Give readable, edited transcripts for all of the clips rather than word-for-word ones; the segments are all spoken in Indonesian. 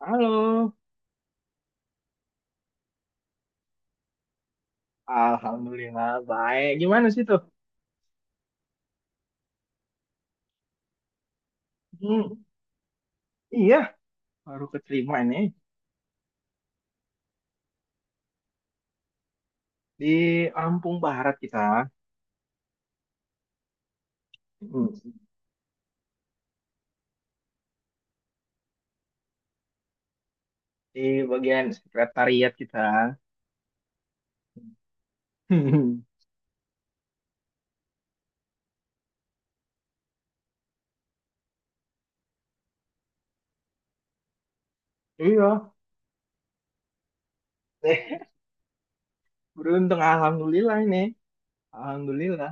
Halo, Alhamdulillah baik. Gimana sih tuh? Hmm, iya, baru keterima ini di Lampung Barat kita. Hmm, di bagian sekretariat kita. Iya. Eh, beruntung Alhamdulillah ini. Alhamdulillah,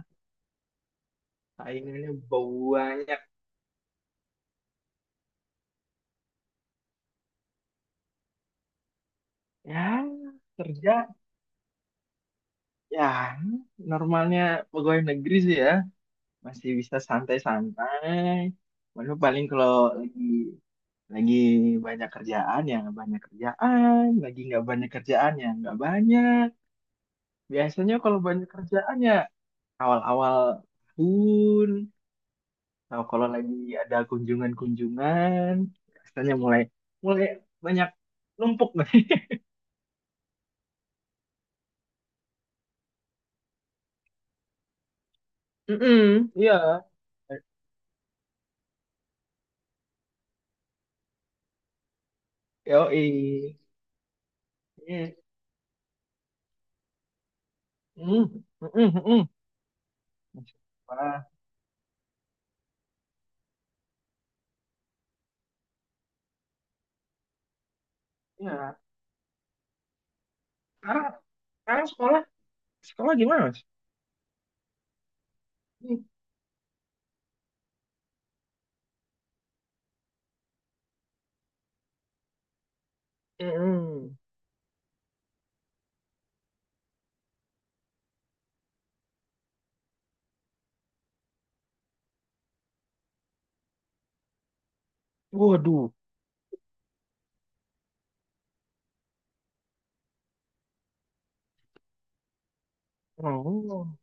saingannya banyak. Ya, kerja, ya normalnya pegawai negeri sih ya, masih bisa santai-santai. Mana paling kalau lagi Lagi banyak kerjaan ya nggak banyak kerjaan, lagi nggak banyak kerjaan ya nggak banyak. Biasanya kalau banyak kerjaan ya awal-awal tahun, atau kalau lagi ada kunjungan-kunjungan, biasanya mulai mulai banyak numpuk nih. Mm-mm. Iya, yoi. Iya. Mm, mm, mm, mm. Wah, iya. Sekarang, sekarang sekolah, sekolah gimana, Mas? Mm. Mm-mm. Waduh. Oh.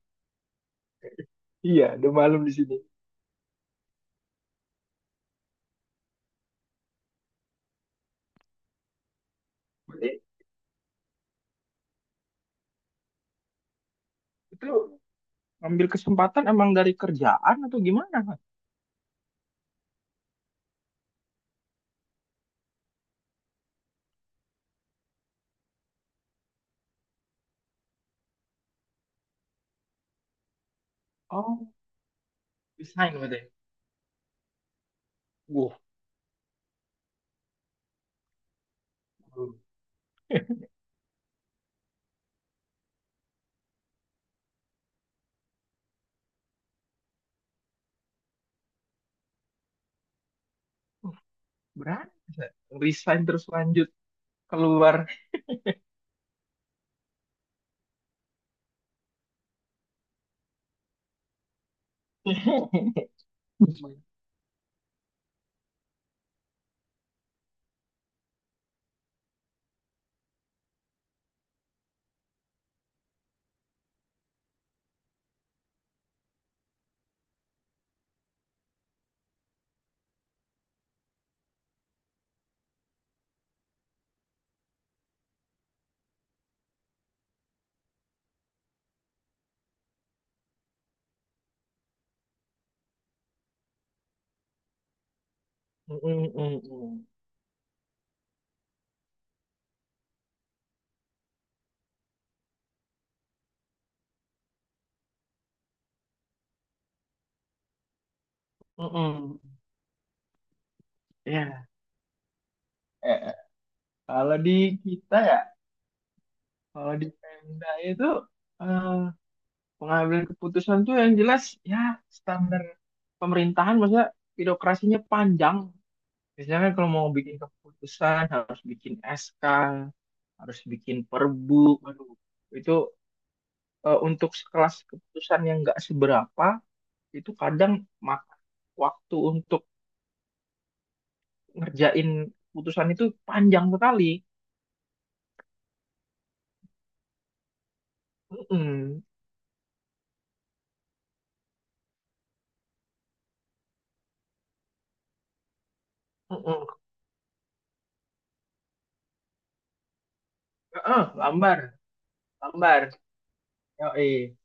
Iya, udah malam di sini. Berarti itu ngambil kesempatan emang dari kerjaan atau gimana, Mas? Oh, resign berarti. Wah, berani, Mas. Resign terus lanjut keluar. Mm-mm-mm-mm. Mm-mm. Ya, eh, eh. Kalau di kita ya, kalau di Pemda itu eh, pengambilan keputusan tuh yang jelas ya standar pemerintahan, maksudnya birokrasinya panjang. Biasanya kan kalau mau bikin keputusan harus bikin SK, harus bikin perbu. Aduh, itu untuk sekelas keputusan yang nggak seberapa, itu kadang makan waktu untuk ngerjain keputusan itu panjang sekali. Mm-mm. Mm-mm. Heeh, lambar, lambar. Yoi.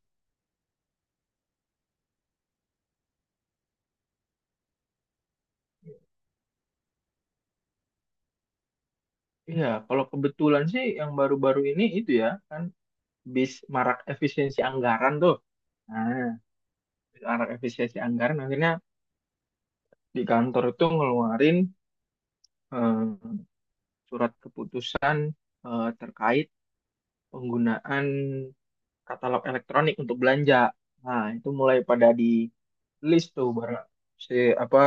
Iya, kalau kebetulan sih yang baru-baru ini itu ya, kan bis marak efisiensi anggaran tuh. Nah, bis marak efisiensi anggaran akhirnya di kantor itu ngeluarin eh, surat keputusan terkait penggunaan katalog elektronik untuk belanja. Nah, itu mulai pada di list tuh barang si apa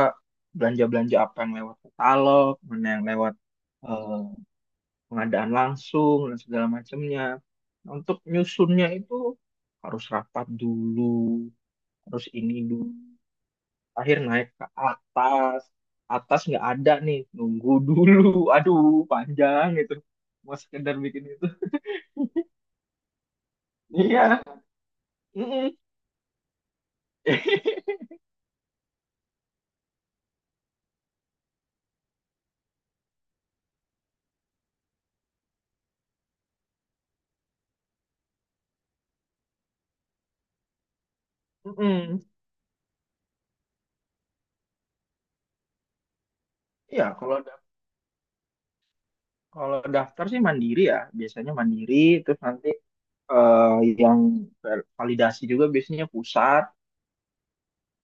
belanja-belanja apa yang lewat katalog, mana yang lewat eh, pengadaan langsung dan segala macamnya. Untuk nyusunnya itu harus rapat dulu, harus ini dulu akhir naik ke atas, atas nggak ada nih nunggu dulu aduh panjang itu mau sekedar bikin itu iya mm-mm. Mm-mm. Iya, kalau kalau daftar sih mandiri ya biasanya mandiri, terus nanti eh, yang validasi juga biasanya pusat,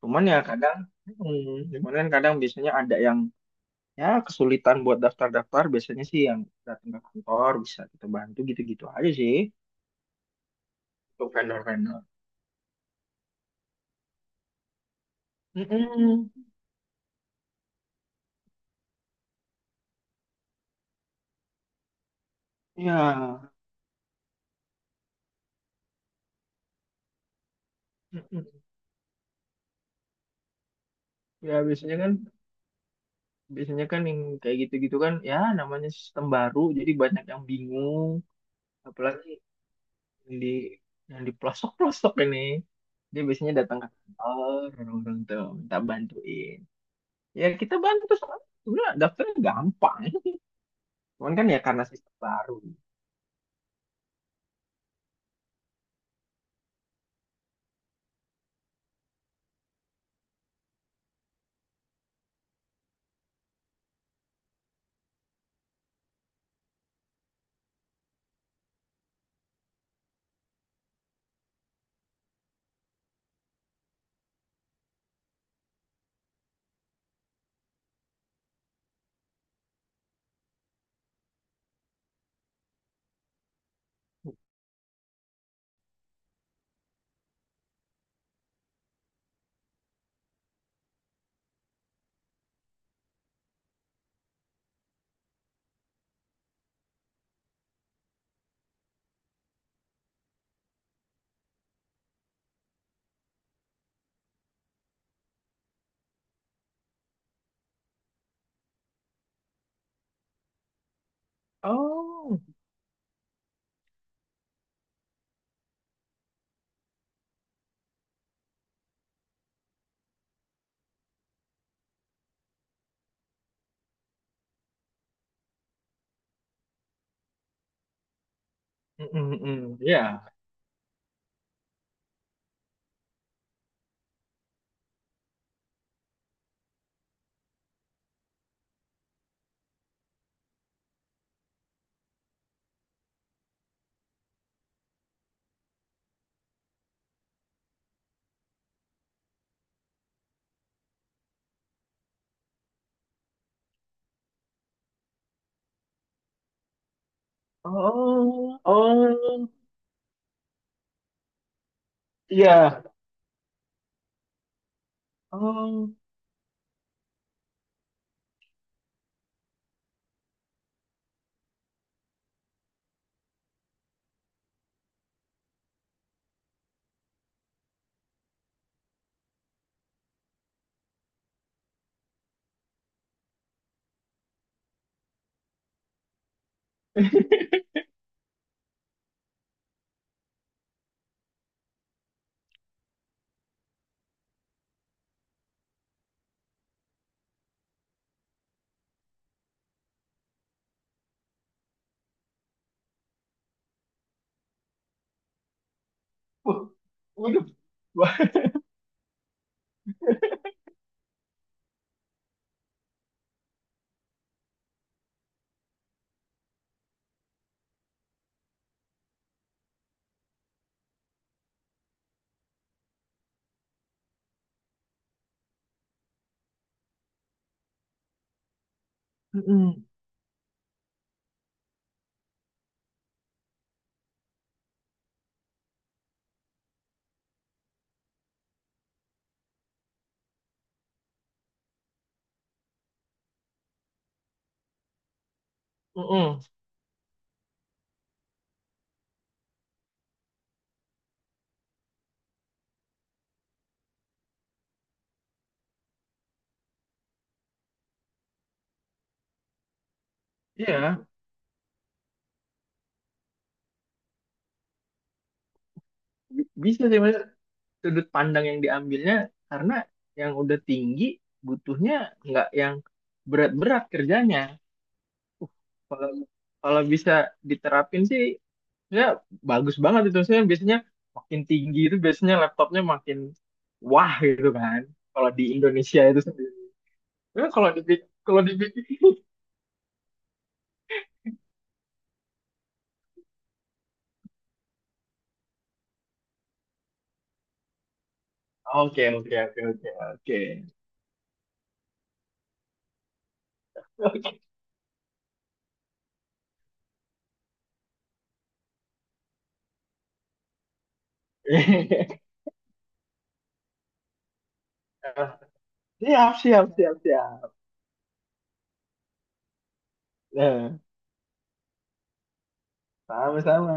cuman ya kadang cuman kan kadang biasanya ada yang ya kesulitan buat daftar-daftar biasanya sih yang datang ke kantor bisa kita bantu gitu-gitu aja sih untuk vendor-vendor. Mm-mm. Ya, mm-mm, ya biasanya kan yang kayak gitu-gitu kan, ya namanya sistem baru, jadi banyak yang bingung, apalagi yang di yang di pelosok-pelosok ini, dia biasanya datang ke kantor, orang-orang tuh minta bantuin. Ya kita bantu soalnya sebenarnya daftarnya gampang, cuman kan ya karena sistem baru. Oh, mm, ya, oh, oh, ya, oh, waduh. Wah. Mm-mm. Iya, bisa sih mas, sudut pandang yang diambilnya karena yang udah tinggi butuhnya nggak yang berat-berat kerjanya. Kalau kalau bisa diterapin sih ya bagus banget itu. Saya biasanya makin tinggi itu biasanya laptopnya makin wah gitu kan. Kalau di Indonesia itu sendiri. Ya, kalau dipikir oke oke oke oke oke. Siap siap siap siap. Nah, sama-sama.